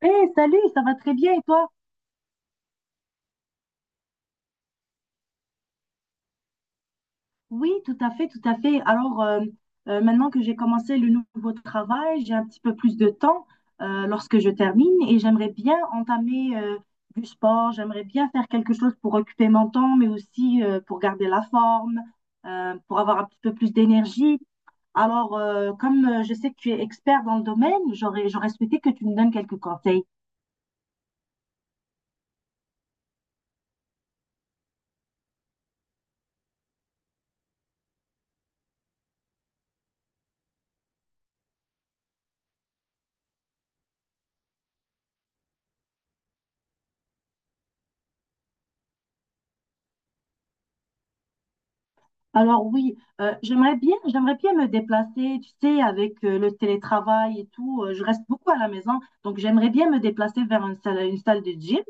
Hey, salut, ça va très bien et toi? Oui, tout à fait, tout à fait. Alors, maintenant que j'ai commencé le nouveau travail, j'ai un petit peu plus de temps lorsque je termine et j'aimerais bien entamer du sport, j'aimerais bien faire quelque chose pour occuper mon temps, mais aussi pour garder la forme, pour avoir un petit peu plus d'énergie. Alors, comme je sais que tu es expert dans le domaine, j'aurais souhaité que tu me donnes quelques conseils. Alors oui, j'aimerais bien me déplacer, tu sais, avec le télétravail et tout. Je reste beaucoup à la maison, donc j'aimerais bien me déplacer vers une salle de gym.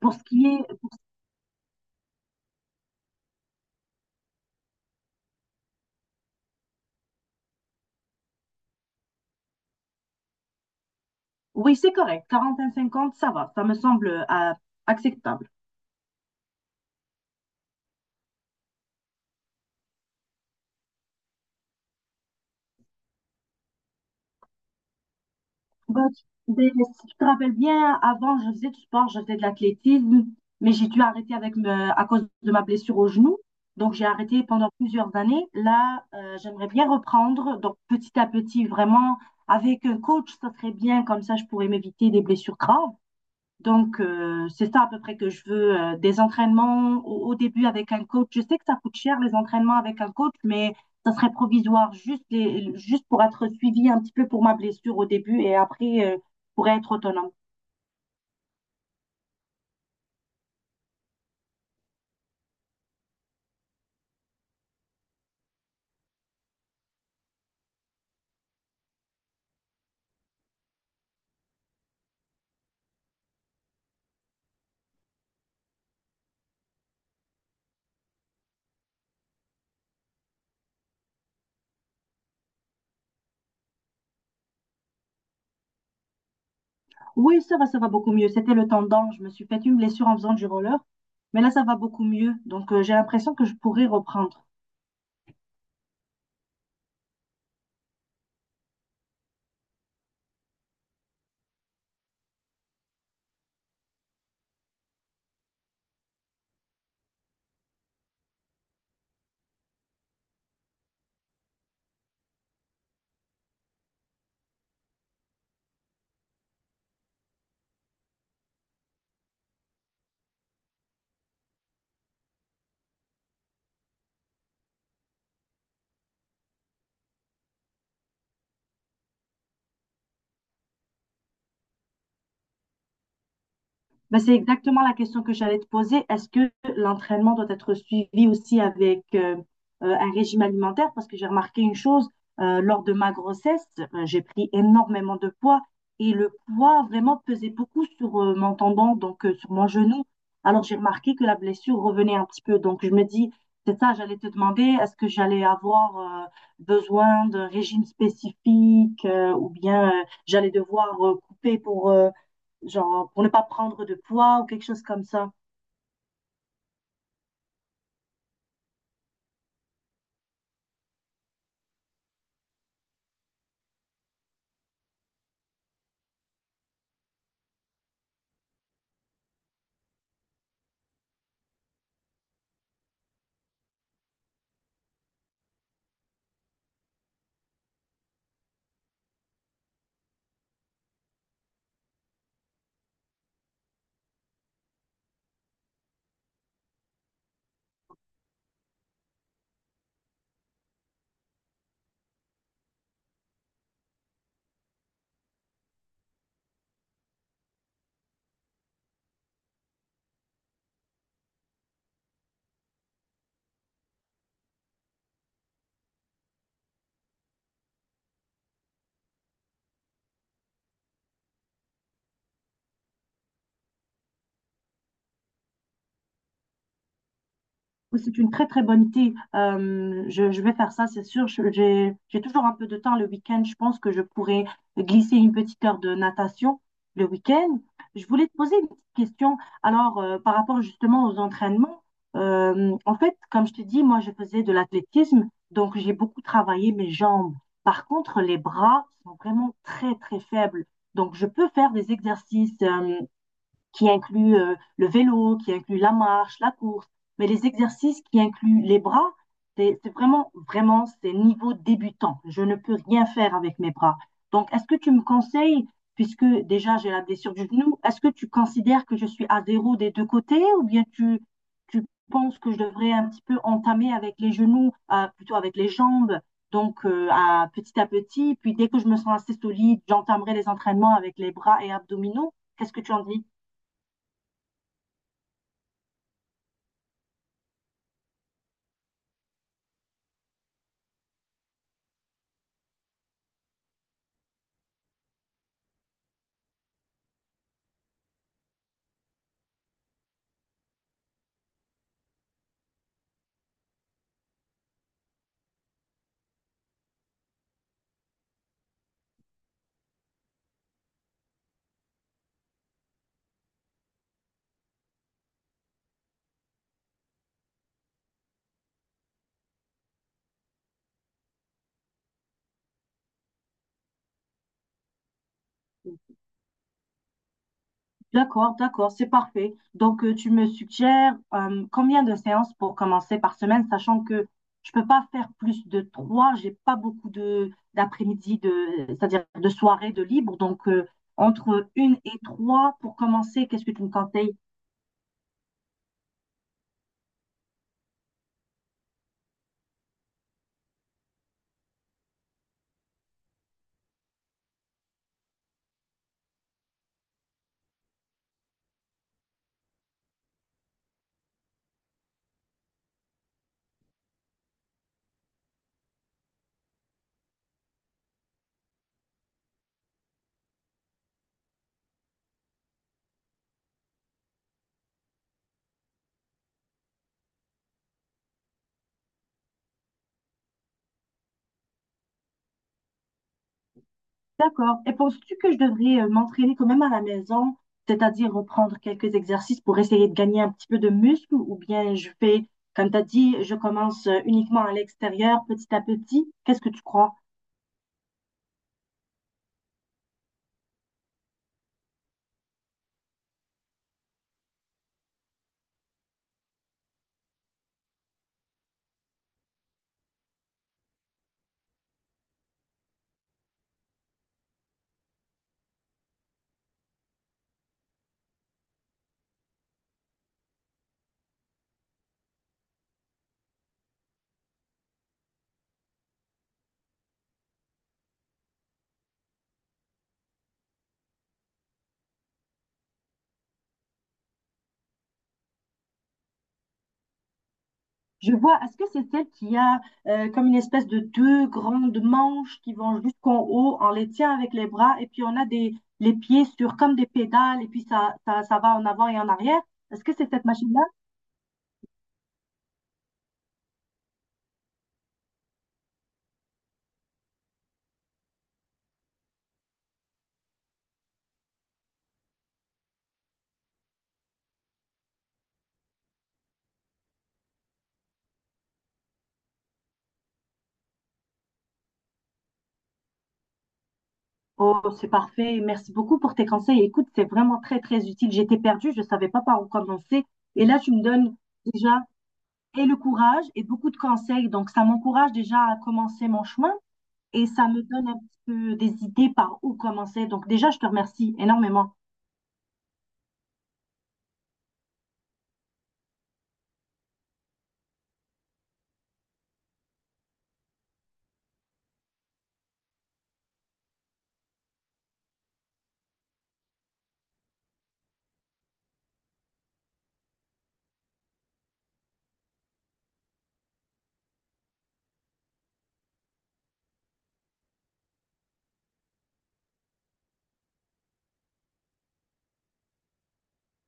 Pour ce qui est, oui, c'est correct, 45 cinquante, ça va, ça me semble acceptable. Bah, tu- des- Si tu te rappelles bien, avant, je faisais du sport, je faisais de l'athlétisme, mais j'ai dû arrêter à cause de ma blessure au genou. Donc, j'ai arrêté pendant plusieurs années. Là, j'aimerais bien reprendre. Donc, petit à petit, vraiment, avec un coach, ça serait bien. Comme ça, je pourrais m'éviter des blessures graves. Donc, c'est ça à peu près que je veux, des entraînements au début avec un coach. Je sais que ça coûte cher, les entraînements avec un coach, mais ça serait provisoire, juste, juste pour être suivi un petit peu pour ma blessure au début et après, je être autonome. Oui, ça va beaucoup mieux. C'était le tendon. Je me suis fait une blessure en faisant du roller, mais là, ça va beaucoup mieux. Donc, j'ai l'impression que je pourrais reprendre. Ben, c'est exactement la question que j'allais te poser. Est-ce que l'entraînement doit être suivi aussi avec un régime alimentaire? Parce que j'ai remarqué une chose, lors de ma grossesse, j'ai pris énormément de poids et le poids vraiment pesait beaucoup sur mon tendon, donc sur mon genou. Alors j'ai remarqué que la blessure revenait un petit peu. Donc je me dis, c'est ça, j'allais te demander, est-ce que j'allais avoir besoin d'un régime spécifique ou bien j'allais devoir genre pour ne pas prendre de poids ou quelque chose comme ça. Oui, c'est une très très bonne idée. Je vais faire ça, c'est sûr. J'ai toujours un peu de temps le week-end. Je pense que je pourrais glisser une petite heure de natation le week-end. Je voulais te poser une petite question. Alors, par rapport justement aux entraînements, en fait, comme je te dis, moi je faisais de l'athlétisme, donc j'ai beaucoup travaillé mes jambes. Par contre, les bras sont vraiment très très faibles. Donc, je peux faire des exercices. Qui inclut le vélo, qui inclut la marche, la course, mais les exercices qui incluent les bras, c'est vraiment, vraiment, c'est niveau débutant. Je ne peux rien faire avec mes bras. Donc, est-ce que tu me conseilles, puisque déjà j'ai la blessure du genou, est-ce que tu considères que je suis à zéro des deux côtés ou bien tu penses que je devrais un petit peu entamer avec les genoux, plutôt avec les jambes, donc petit à petit, puis dès que je me sens assez solide, j'entamerai les entraînements avec les bras et abdominaux. Qu'est-ce que tu en dis? D'accord, d'accord, c'est parfait. Donc, tu me suggères combien de séances pour commencer par semaine, sachant que je peux pas faire plus de trois, j'ai pas beaucoup de d'après-midi, c'est-à-dire de soirée de libre. Donc, entre une et trois pour commencer, qu'est-ce que tu me conseilles? D'accord. Et penses-tu que je devrais m'entraîner quand même à la maison, c'est-à-dire reprendre quelques exercices pour essayer de gagner un petit peu de muscle, ou bien je fais, comme tu as dit, je commence uniquement à l'extérieur, petit à petit? Qu'est-ce que tu crois? Je vois, est-ce que c'est celle qui a comme une espèce de deux grandes manches qui vont jusqu'en haut, on les tient avec les bras et puis on a des, les pieds sur comme des pédales et puis ça va en avant et en arrière. Est-ce que c'est cette machine-là? Oh, c'est parfait. Merci beaucoup pour tes conseils. Écoute, c'est vraiment très, très utile. J'étais perdue, je ne savais pas par où commencer. Et là, tu me donnes déjà et le courage et beaucoup de conseils. Donc, ça m'encourage déjà à commencer mon chemin et ça me donne un petit peu des idées par où commencer. Donc, déjà, je te remercie énormément.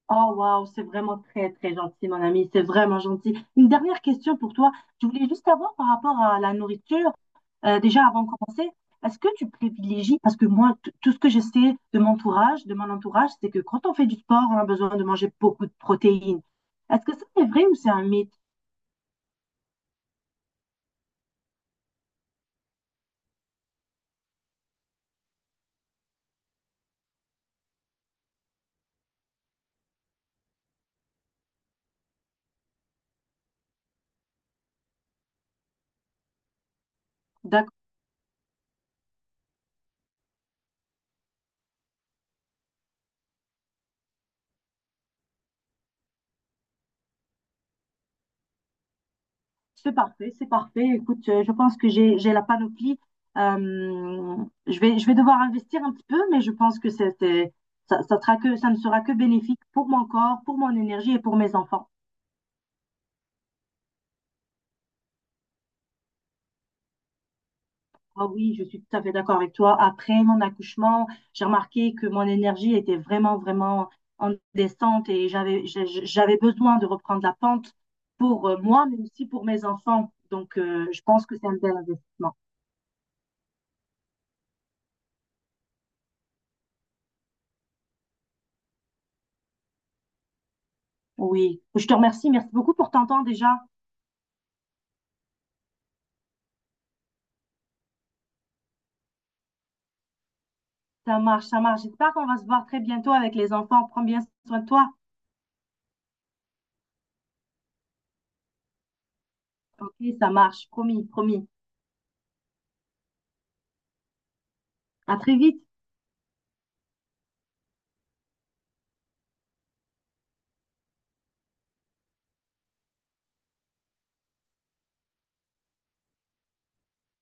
Oh, waouh, c'est vraiment très, très gentil, mon ami. C'est vraiment gentil. Une dernière question pour toi. Je voulais juste savoir par rapport à la nourriture. Déjà, avant de commencer, est-ce que tu privilégies, parce que moi, tout ce que je sais de mon entourage, c'est que quand on fait du sport, on a besoin de manger beaucoup de protéines. Est-ce que ça c'est vrai ou c'est un mythe? D'accord, c'est parfait, c'est parfait. Écoute, je pense que j'ai la panoplie. Euh, je vais devoir investir un petit peu, mais je pense que ça sera ça ne sera que bénéfique pour mon corps, pour mon énergie et pour mes enfants. Ah oui, je suis tout à fait d'accord avec toi. Après mon accouchement, j'ai remarqué que mon énergie était vraiment, vraiment en descente et j'avais besoin de reprendre la pente pour moi, mais aussi pour mes enfants. Donc, je pense que c'est un bel investissement. Oui, je te remercie. Merci beaucoup pour ton temps déjà. Ça marche, ça marche. J'espère qu'on va se voir très bientôt avec les enfants. Prends bien soin de toi. Ok, ça marche. Promis, promis. À très vite.